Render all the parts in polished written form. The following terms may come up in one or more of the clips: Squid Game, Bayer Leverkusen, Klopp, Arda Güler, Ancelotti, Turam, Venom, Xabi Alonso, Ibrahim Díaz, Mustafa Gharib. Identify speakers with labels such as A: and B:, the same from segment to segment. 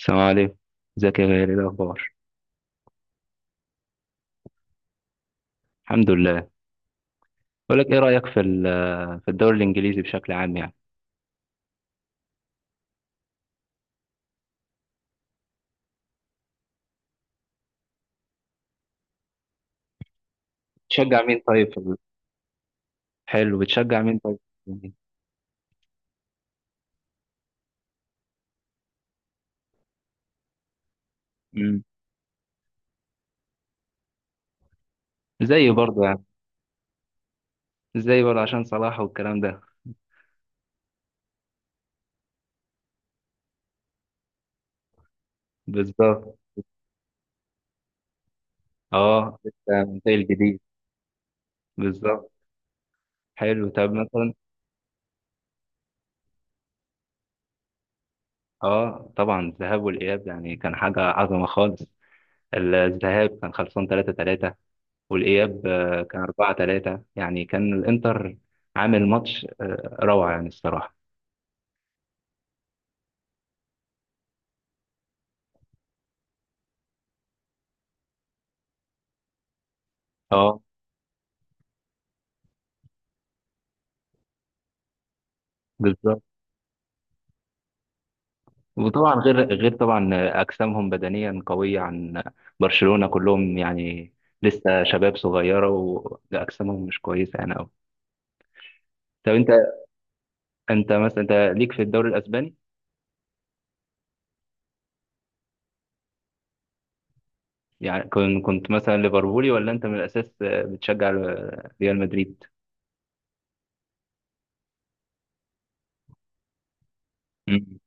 A: السلام عليكم. ازيك يا غالي؟ إيه الاخبار؟ الحمد لله. بقول لك ايه رايك في الدوري الانجليزي بشكل عام يعني؟ تشجع مين طيب حلو، بتشجع مين طيب؟ امم زي برضه يعني، زي برضه عشان صلاح والكلام ده. بالظبط. اه، لسه زي الجديد. بالظبط. حلو، طب مثلا. اه طبعا، الذهاب والاياب يعني كان حاجه عظمه خالص. الذهاب كان خلصان 3-3، والاياب كان 4-3، يعني كان الانتر عامل ماتش روعه يعني الصراحه. اه، بالظبط. وطبعا غير طبعا اجسامهم بدنيا قويه عن برشلونه كلهم يعني، لسه شباب صغيره، واجسامهم مش كويسه يعني قوي. طب انت، انت مثلا انت ليك في الدوري الاسباني؟ يعني كنت مثلا ليفربولي، ولا انت من الاساس بتشجع ريال مدريد؟ مم.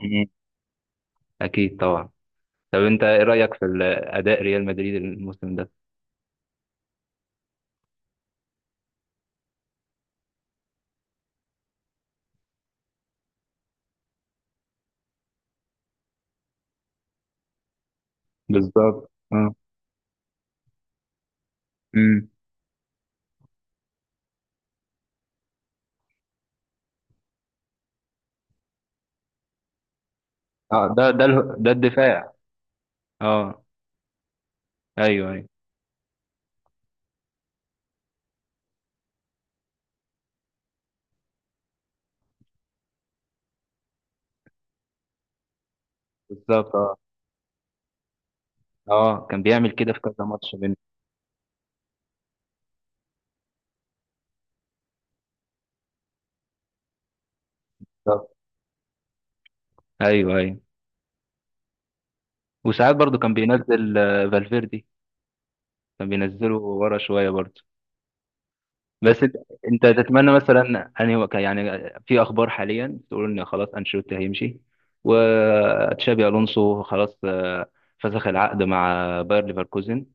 A: مم. اكيد طبعا. طب انت، ايه رايك في اداء ريال مدريد الموسم ده؟ بالظبط، اه. امم اه، ده الدفاع. اه، ايوه ايوه. بالظبط، اه. كان بيعمل كده في كذا ماتش بين. بالظبط. ايوه ايوه. وساعات برضو كان بينزل فالفيردي، كان بينزله ورا شويه برضو. بس انت، تتمنى مثلا يعني، في اخبار حاليا تقول ان خلاص انشيلوتي هيمشي، وتشابي الونسو خلاص فسخ العقد مع باير ليفركوزن،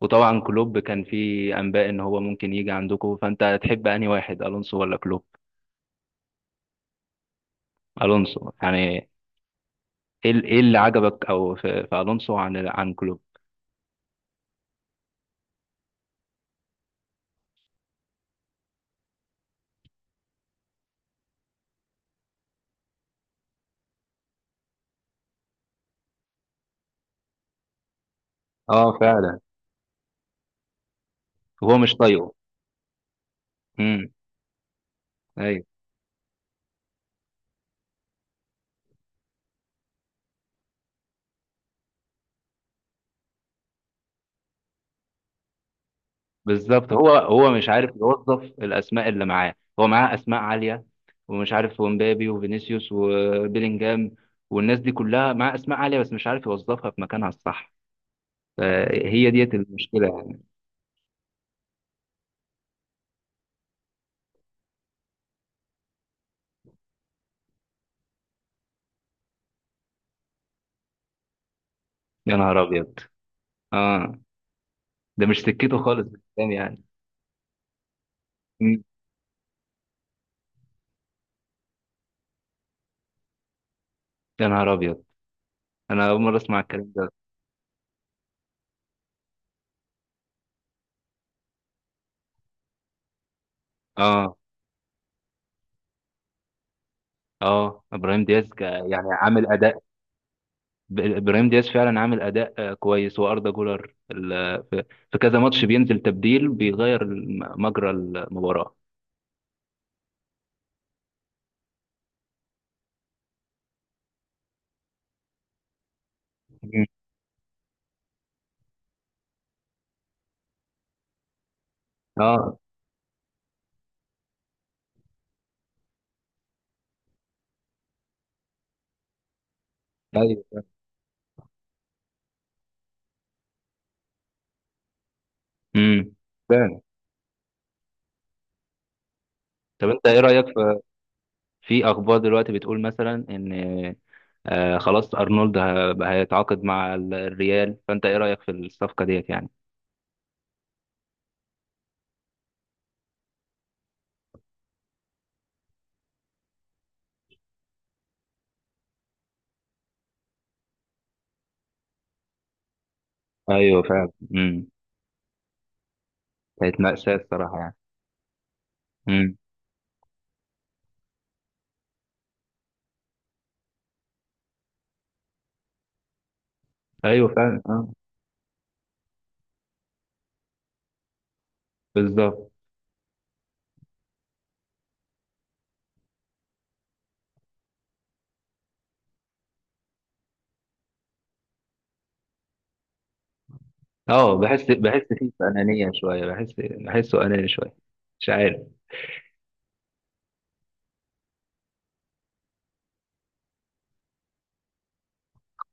A: وطبعا كلوب كان في انباء ان هو ممكن يجي عندكم. فانت تحب انهي واحد، الونسو ولا كلوب؟ الونسو. يعني ايه إيه اللي عجبك او في الونسو عن كلوب؟ اه فعلا. هو مش طايقه. امم ايوه، بالظبط. هو مش عارف يوظف الاسماء اللي معاه. هو معاه اسماء عاليه ومش عارف، ومبابي وفينيسيوس وبيلينجهام والناس دي كلها معاه اسماء عاليه، بس مش عارف يوظفها في مكانها الصح. فهي ديت المشكله يعني. يا نهار ابيض! اه، ده مش سكته خالص بالكلام يعني. مم. يا نهار ابيض! انا اول مره اسمع الكلام ده. اه. اه، ابراهيم دياز يعني عامل اداء، ابراهيم دياز فعلا عامل اداء كويس، واردا جولر في كذا ماتش بينزل تبديل، بيغير مجرى المباراه. مم. اه، ايوه. امم فعلا. طب انت ايه رايك في، اخبار دلوقتي بتقول مثلا ان خلاص ارنولد هيتعاقد مع الريال؟ فانت ايه رايك في الصفقه ديت يعني؟ ايوه فعلا. امم كانت مأساة الصراحه يعني. امم ايوه فعلا، اه. بالظبط. اه، بحس فيه انانيه شويه، بحس بحسه اناني شويه، مش عارف.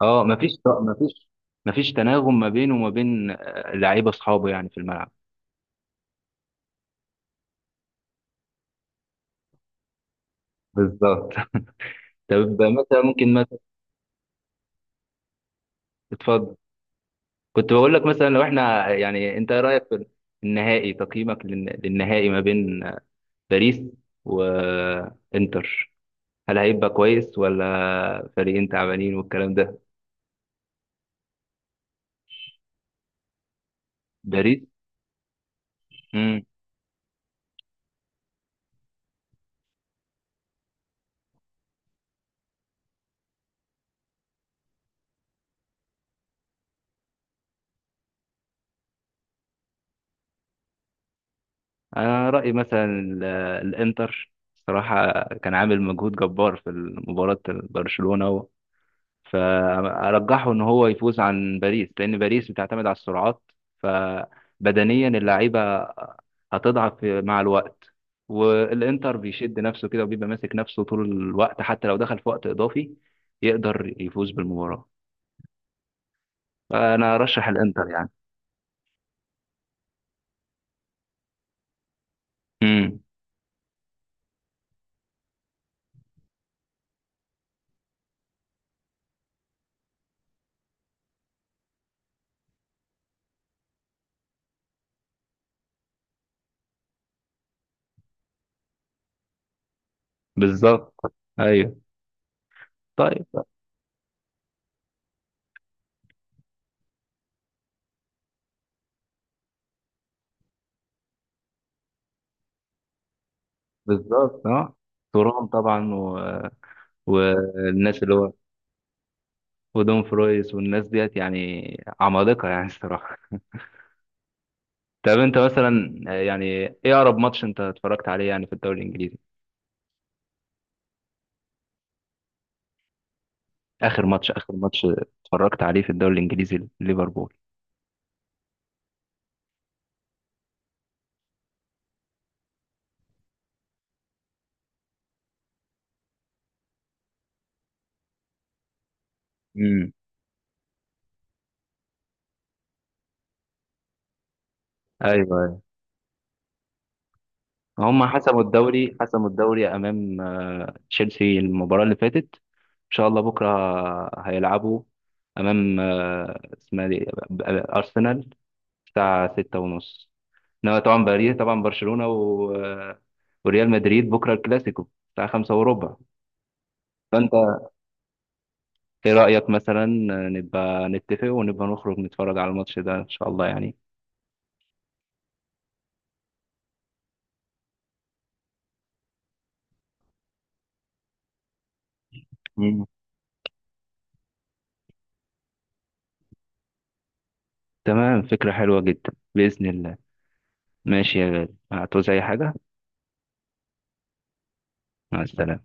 A: اه، مفيش تناغم ما بينه وما بين لعيبه اصحابه يعني في الملعب. بالظبط. طب مثلا، ممكن مثلا. تتفضل. كنت بقول لك مثلا، لو احنا يعني، انت ايه رايك في النهائي، تقييمك للنهائي ما بين باريس وانتر؟ هل هيبقى كويس، ولا فريقين تعبانين والكلام ده؟ باريس. امم انا رايي مثلا الانتر، صراحه كان عامل مجهود جبار في مباراه برشلونه، فارجحه ان هو يفوز عن باريس، لان باريس بتعتمد على السرعات، فبدنيا اللعيبه هتضعف مع الوقت. والانتر بيشد نفسه كده وبيبقى ماسك نفسه طول الوقت، حتى لو دخل في وقت اضافي يقدر يفوز بالمباراه. فانا ارشح الانتر يعني. امم بالظبط. ايوه. طيب، بالظبط، اه. تورام طبعا، والناس اللي هو ودون فرويس والناس ديت يعني عمالقه يعني الصراحه. طب انت مثلا يعني، ايه اقرب ماتش انت اتفرجت عليه يعني في الدوري الانجليزي؟ اخر ماتش، اتفرجت عليه في الدوري الانجليزي، ليفربول. امم ايوه ايوه. هم حسموا الدوري، امام تشيلسي المباراه اللي فاتت. ان شاء الله بكره هيلعبوا امام، آه، اسمها دي آه، آه، ارسنال، الساعه 6 ونص. انما طبعا باريس طبعا، برشلونه و... آه، وريال مدريد بكره الكلاسيكو الساعه 5 وربع. فانت ايه رأيك مثلا، نبقى نتفق ونبقى نخرج نتفرج على الماتش ده ان شاء الله يعني؟ مم. تمام، فكرة حلوة جدا بإذن الله. ماشي يا غالي، هتعوز اي حاجة؟ مع السلامة.